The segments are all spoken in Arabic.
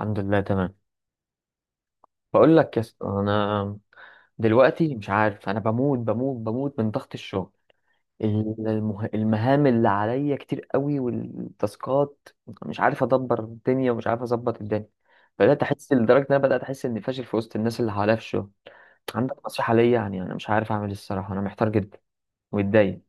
الحمد لله تمام. بقول لك يا اسطى، انا دلوقتي مش عارف، انا بموت من ضغط الشغل. المهام اللي عليا كتير قوي والتاسكات. مش عارف ادبر الدنيا ومش عارف اظبط الدنيا. بدات احس، لدرجه ان انا بدات احس اني فاشل في وسط الناس اللي حواليا في الشغل. عندك نصيحه ليا؟ يعني انا مش عارف اعمل إيه الصراحه، انا محتار جدا ومتضايق.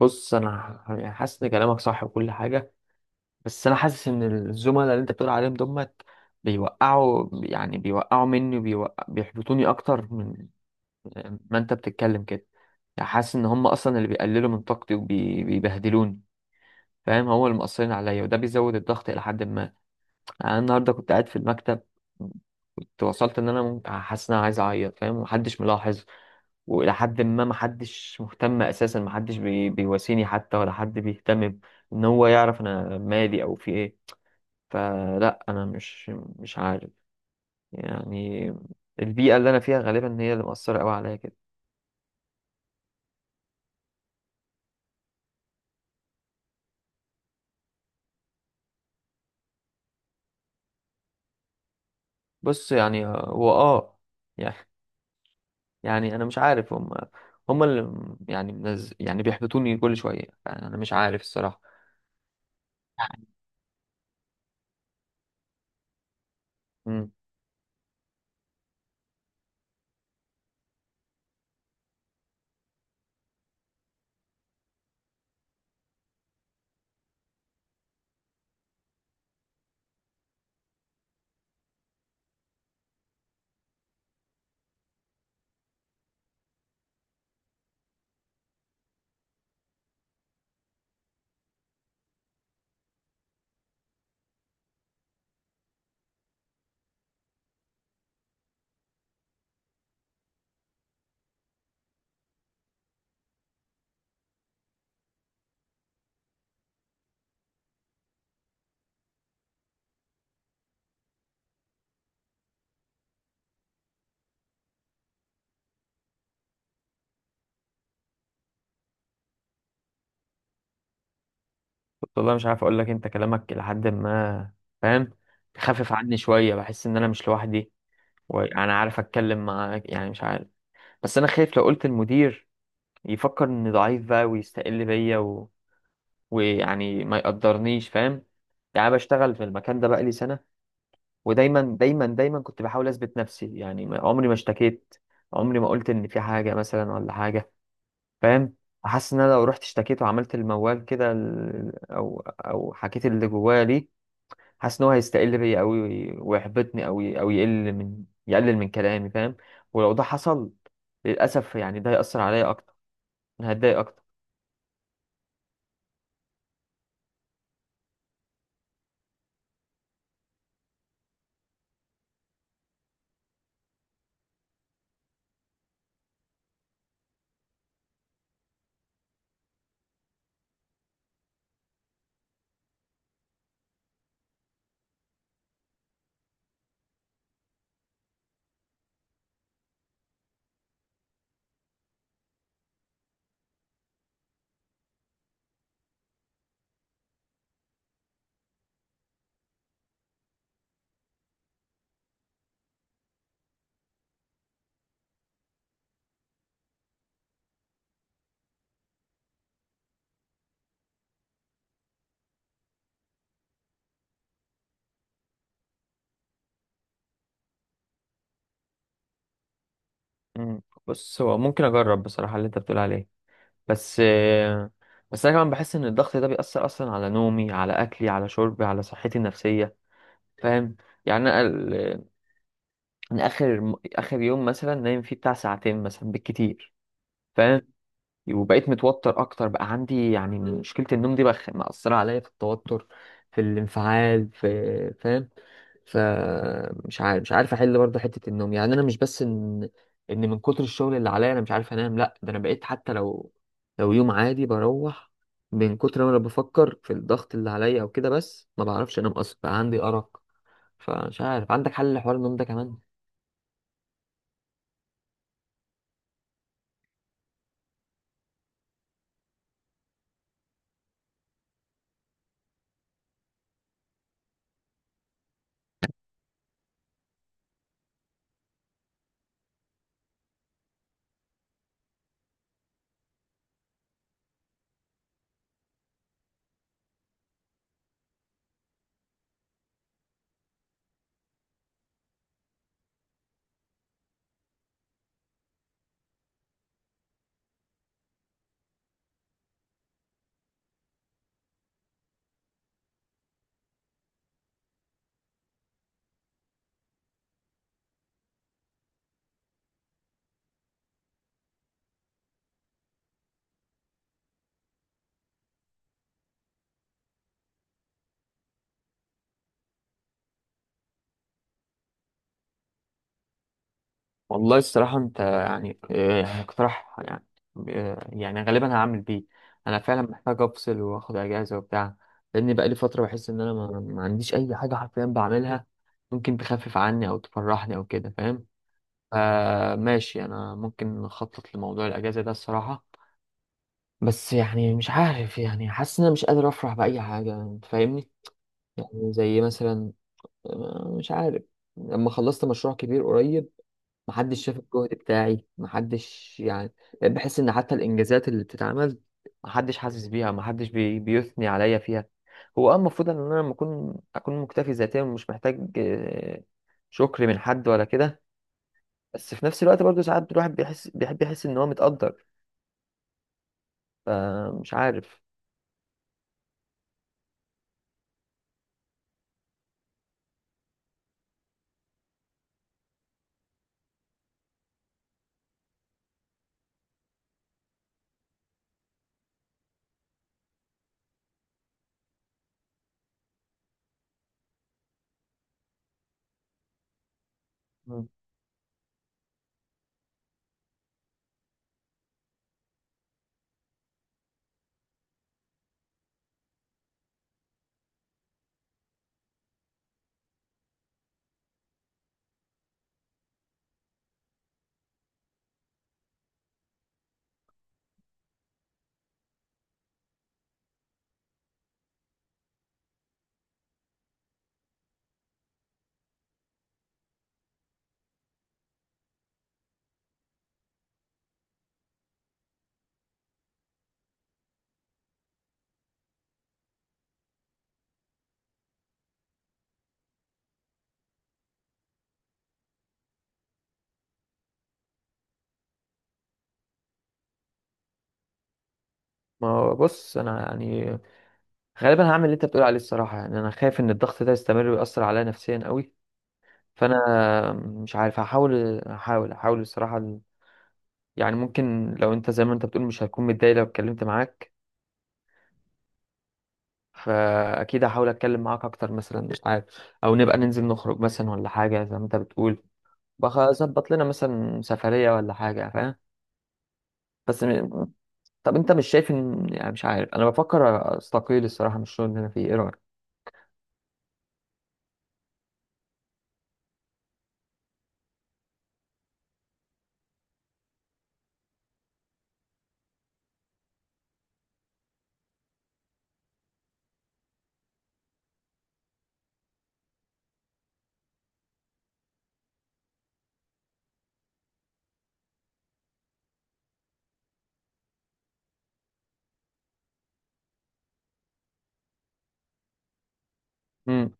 بص، يعني حاسس ان كلامك صح وكل حاجه، بس انا حاسس ان الزملاء اللي انت بتقول عليهم دمت بيوقعوا، يعني بيوقعوا مني وبيوقع بيحبطوني اكتر من ما انت بتتكلم كده. يعني حاسس ان هم اصلا اللي بيقللوا من طاقتي وبيبهدلوني، فاهم؟ هو اللي مقصرين عليا، وده بيزود الضغط الى حد ما. يعني انا النهارده كنت قاعد في المكتب، كنت وصلت ان انا ممكن، حاسس ان انا عايز اعيط فاهم، ومحدش ملاحظ والى حد ما محدش مهتم اساسا. محدش بيواسيني حتى ولا حد بيهتم ان هو يعرف انا مالي او في ايه. فلا، انا مش عارف. يعني البيئه اللي انا فيها غالبا هي اللي مأثره قوي عليا كده. بص يعني، هو يعني انا مش عارف، هم يعني يعني بيحبطوني كل شويه. يعني انا مش عارف الصراحه. امم والله مش عارف اقول لك، انت كلامك لحد ما، فاهم، خفف عني شويه. بحس ان انا مش لوحدي وانا عارف اتكلم معاك، يعني مش عارف. بس انا خايف لو قلت المدير يفكر اني ضعيف بقى ويستقل بيا، ويعني ما يقدرنيش، فاهم؟ يعني أنا بشتغل في المكان ده بقالي سنة، ودايما دايما دايما كنت بحاول أثبت نفسي. عمري ما اشتكيت، عمري ما قلت إن في حاجة مثلا ولا حاجة، فاهم. حاسس إن أنا لو رحت اشتكيت وعملت الموال كده، أو حكيت اللي جوايا ليه، حاسس إن هو هيستقل بيا أوي، ويحبطني أوي، أو يقلل من كلامي، فاهم. ولو ده حصل للأسف، يعني ده هيأثر عليا أكتر، أنا هتضايق أكتر. مم. بص، هو ممكن أجرب بصراحة اللي أنت بتقول عليه، بس بس انا كمان بحس ان الضغط ده بيأثر اصلا على نومي، على اكلي، على شربي، على صحتي النفسيه، فاهم. يعني انا ال- أنا اخر يوم مثلا نايم فيه بتاع ساعتين مثلا بالكتير، فاهم. وبقيت متوتر اكتر. بقى عندي يعني مشكله النوم دي، بقى مأثره عليا في التوتر في الانفعال في، فاهم. فمش عارف مش عارف احل برضه حته النوم. يعني انا مش بس ان من كتر الشغل اللي عليا انا مش عارف انام، لا ده انا بقيت حتى لو لو يوم عادي بروح، من كتر ما انا بفكر في الضغط اللي عليا او كده بس، ما بعرفش انام اصلا. بقى عندي ارق. فمش عارف، عندك حل لحوار النوم ده كمان؟ والله الصراحة أنت يعني يعني اقتراح يعني يعني غالبا هعمل بيه. أنا فعلا محتاج أفصل وآخد أجازة وبتاع، لأن بقالي فترة بحس إن أنا ما عنديش أي حاجة حرفيا بعملها ممكن تخفف عني أو تفرحني أو كده، فاهم. فماشي، أنا ممكن أخطط لموضوع الأجازة ده الصراحة. بس يعني مش عارف، يعني حاسس إن أنا مش قادر أفرح بأي حاجة، أنت فاهمني؟ يعني زي مثلا، مش عارف، لما خلصت مشروع كبير قريب محدش شاف الجهد بتاعي، محدش يعني. بقيت بحس ان حتى الانجازات اللي بتتعمل محدش حاسس بيها، محدش بيثني عليا فيها. هو اه المفروض ان انا لما اكون مكتفي ذاتيا ومش محتاج شكر من حد ولا كده، بس في نفس الوقت برضه ساعات الواحد بيحب يحس ان هو متقدر. فمش عارف. مم. ما هو بص، انا يعني غالبا هعمل اللي انت بتقول عليه الصراحه. يعني انا خايف ان الضغط ده يستمر ويأثر عليا نفسيا قوي. فانا مش عارف، هحاول الصراحه يعني ممكن لو انت زي ما انت بتقول، مش هتكون متضايق لو اتكلمت معاك؟ فاكيد هحاول اتكلم معاك اكتر مثلا، مش عارف، او نبقى ننزل نخرج مثلا ولا حاجه زي ما انت بتقول. بظبط لنا مثلا سفريه ولا حاجه، فاهم. بس م... طب انت مش شايف ان، يعني مش عارف، انا بفكر استقيل الصراحه من الشغل اللي انا فيه، ايه رايك؟ إمم.